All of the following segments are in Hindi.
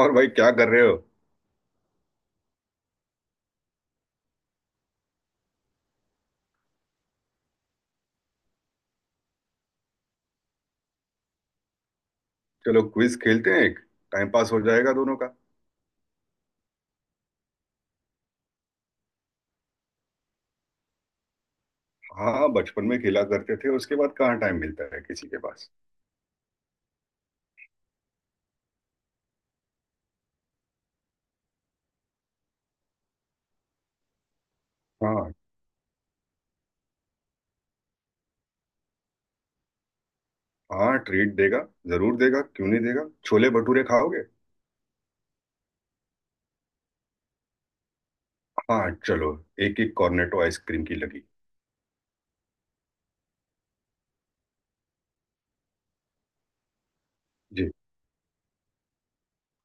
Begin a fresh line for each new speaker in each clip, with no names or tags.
और भाई, क्या कर रहे हो? चलो, क्विज खेलते हैं एक। टाइम पास हो जाएगा दोनों का। हाँ, बचपन में खेला करते थे। उसके बाद कहाँ टाइम मिलता है किसी के पास। हाँ। हाँ, ट्रीट देगा। जरूर देगा, क्यों नहीं देगा। छोले भटूरे खाओगे? हाँ, चलो। एक एक कॉर्नेटो आइसक्रीम की लगी। जी।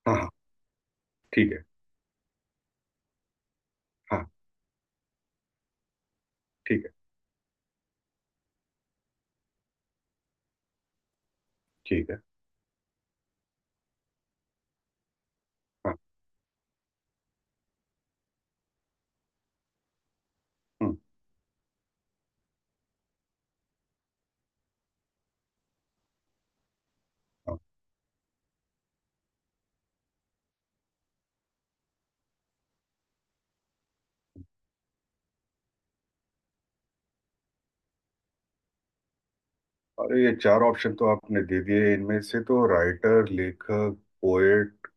हाँ, हाँ। ठीक है। हाँ। ठीक है। ठीक है। हाँ। हम्म। हाँ। हम्म। अरे, ये चार ऑप्शन तो आपने दे दिए। इनमें से तो राइटर, लेखक, पोएट,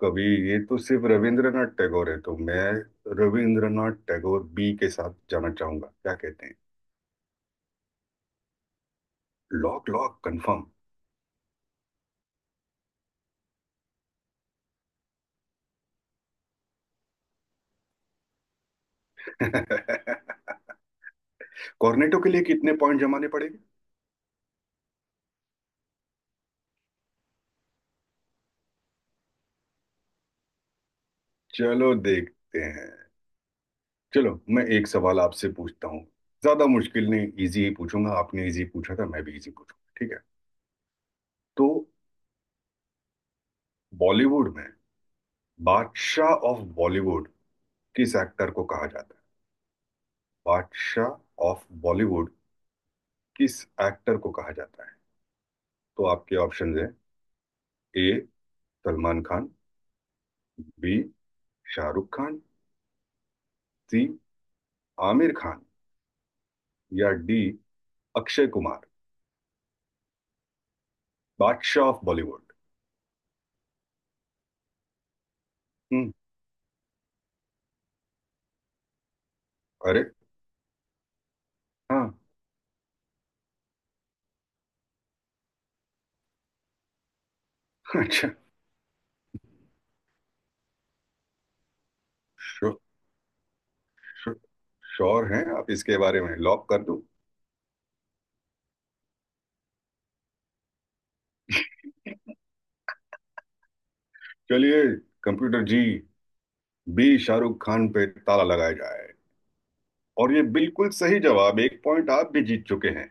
कवि, ये तो सिर्फ रविंद्रनाथ टैगोर है। तो मैं रविंद्रनाथ टैगोर बी के साथ जाना चाहूंगा। क्या कहते हैं? Lock, lock confirm. कॉर्नेटो के लिए कितने पॉइंट जमाने पड़ेंगे? चलो, देखते हैं। चलो, मैं एक सवाल आपसे पूछता हूँ। ज्यादा मुश्किल नहीं, इजी ही पूछूंगा। आपने इजी पूछा था, मैं भी इजी पूछूंगा। ठीक है? तो बॉलीवुड में, बादशाह ऑफ बॉलीवुड किस एक्टर को कहा जाता है? बादशाह ऑफ बॉलीवुड किस एक्टर को कहा जाता है? तो आपके ऑप्शन है, A Salman Khan, B Shahrukh Khan, C Aamir Khan, या डी अक्षय कुमार। बादशाह ऑफ बॉलीवुड। हम्म। अरे। हाँ। अच्छा। श्योर, श्योर, श्योर हैं आप इसके बारे में? लॉक कर दूं? चलिए, कंप्यूटर जी, बी शाहरुख खान पे ताला लगाया जाए। और ये बिल्कुल सही जवाब। 1 पॉइंट आप भी जीत चुके हैं।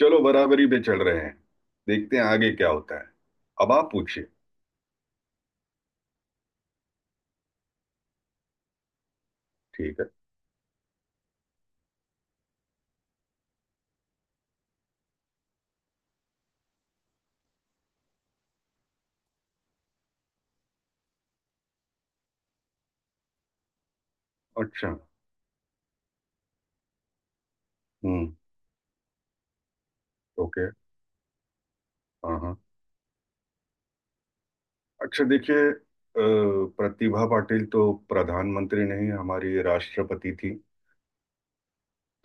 चलो, बराबरी पे चल रहे हैं। देखते हैं आगे क्या होता है। अब आप पूछिए। ठीक है। अच्छा। हम्म। ओके। हाँ। हाँ। अच्छा, देखिए, प्रतिभा पाटिल तो प्रधानमंत्री नहीं, हमारी राष्ट्रपति थी।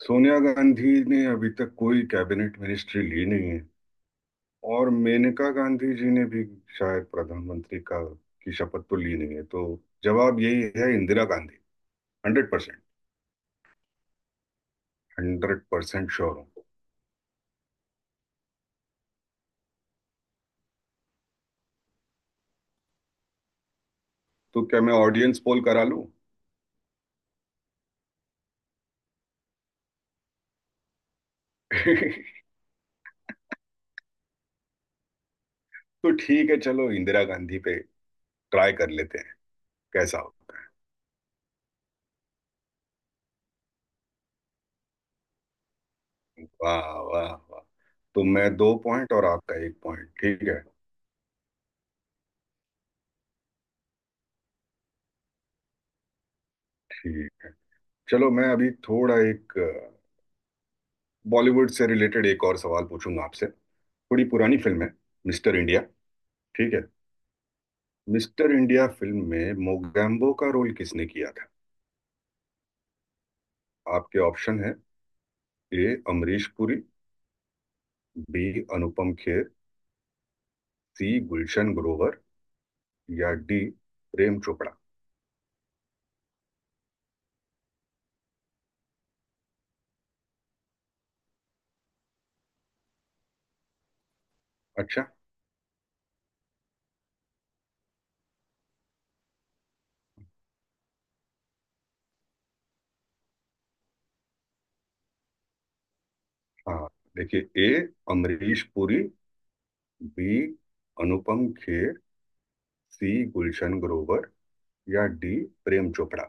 सोनिया गांधी ने अभी तक कोई कैबिनेट मिनिस्ट्री ली नहीं है। और मेनका गांधी जी ने भी शायद प्रधानमंत्री का, की शपथ तो ली नहीं है। तो जवाब यही है, इंदिरा गांधी। 100%। 100% श्योर हूँ। तो क्या मैं ऑडियंस पोल करा लूं? तो ठीक है, चलो इंदिरा गांधी पे ट्राई कर लेते हैं। कैसा हो? वाह, वाह, वाह। तो मैं 2 पॉइंट और आपका 1 पॉइंट। ठीक है। ठीक है। चलो, मैं अभी थोड़ा एक बॉलीवुड से रिलेटेड एक और सवाल पूछूंगा आपसे। थोड़ी पुरानी फिल्म है, मिस्टर इंडिया। ठीक है? मिस्टर इंडिया फिल्म में मोगैम्बो का रोल किसने किया था? आपके ऑप्शन है, A Amrish Puri, B Anupam Kher, C Gulshan Grover, या डी प्रेम चोपड़ा। अच्छा। हाँ, देखिए, A Amrish Puri, B Anupam Kher, C Gulshan Grover, या डी प्रेम चोपड़ा।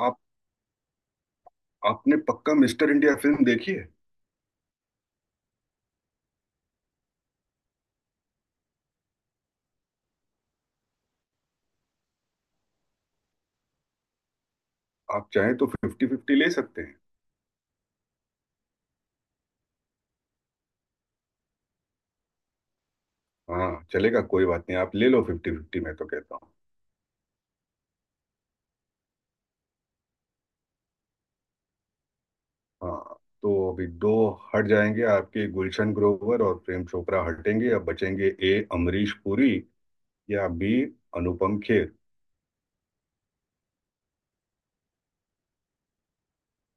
आप आपने पक्का मिस्टर इंडिया फिल्म देखी है? आप चाहें तो फिफ्टी फिफ्टी ले सकते हैं। हाँ, चलेगा, कोई बात नहीं। आप ले लो फिफ्टी फिफ्टी, मैं तो कहता हूँ। हाँ। तो अभी दो हट जाएंगे आपके। गुलशन ग्रोवर और प्रेम चोपड़ा हटेंगे। अब बचेंगे ए अमरीश पुरी, या बी अनुपम खेर।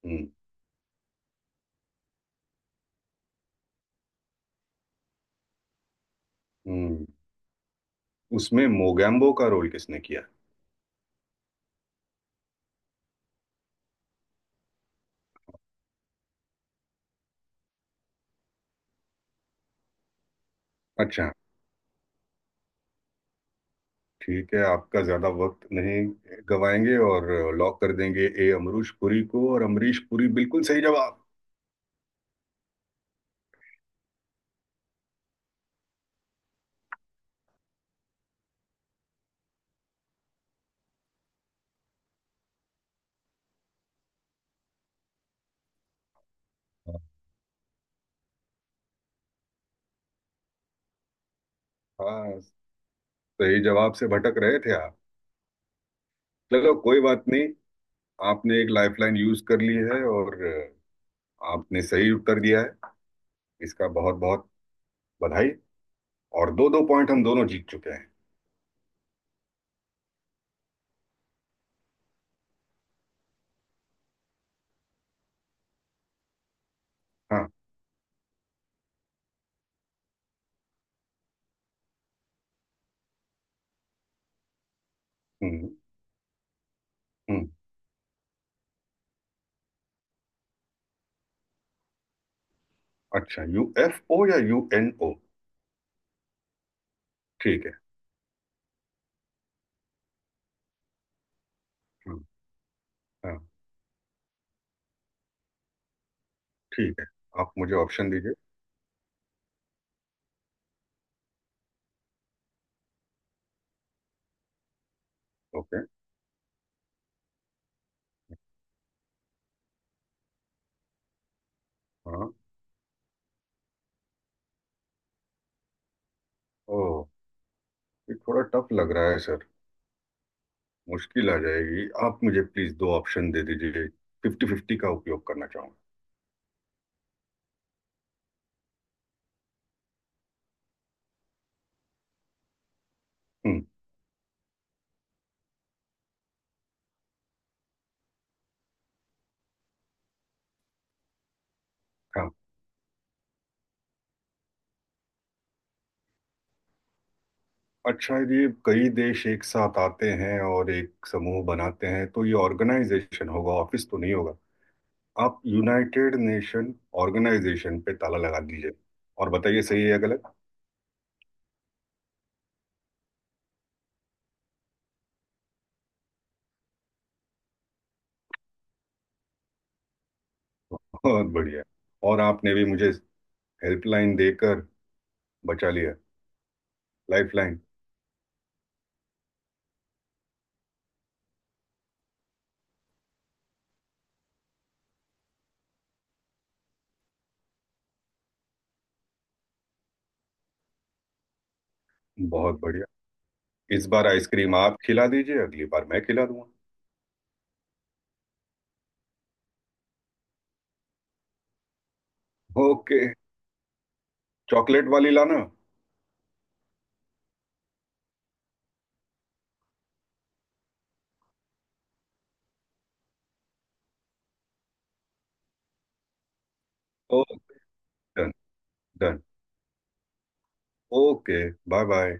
हम्म। हम्म, उसमें मोगैम्बो का रोल किसने किया? अच्छा। ठीक है, आपका ज्यादा वक्त नहीं गवाएंगे और लॉक कर देंगे ए अमरीश पुरी को। और अमरीश पुरी बिल्कुल सही जवाब। हाँ, सही जवाब से भटक रहे थे आप। चलो, कोई बात नहीं। आपने एक लाइफलाइन यूज कर ली है और आपने सही उत्तर दिया है। इसका बहुत बहुत बधाई। और दो दो पॉइंट हम दोनों जीत चुके हैं। हाँ। हम्म। हम्म। अच्छा, यूएफओ या यूएनओ? ठीक है। हम्म। हाँ। ठीक है, आप मुझे ऑप्शन दीजिए। ओके। हाँ। ओ, ये थोड़ा टफ लग रहा है सर। मुश्किल आ जाएगी। आप मुझे प्लीज दो ऑप्शन दे दीजिए, फिफ्टी फिफ्टी का उपयोग करना चाहूंगा। हम्म। हाँ। अच्छा, ये कई देश एक साथ आते हैं और एक समूह बनाते हैं, तो ये ऑर्गेनाइजेशन होगा, ऑफिस तो नहीं होगा। आप यूनाइटेड नेशन ऑर्गेनाइजेशन पे ताला लगा दीजिए और बताइए, सही है या गलत? बहुत बढ़िया। और आपने भी मुझे हेल्पलाइन देकर बचा लिया। लाइफलाइन। बहुत बढ़िया। इस बार आइसक्रीम आप खिला दीजिए, अगली बार मैं खिला दूंगा। ओके। चॉकलेट वाली लाना। Oh, done, done. Okay. Bye, bye.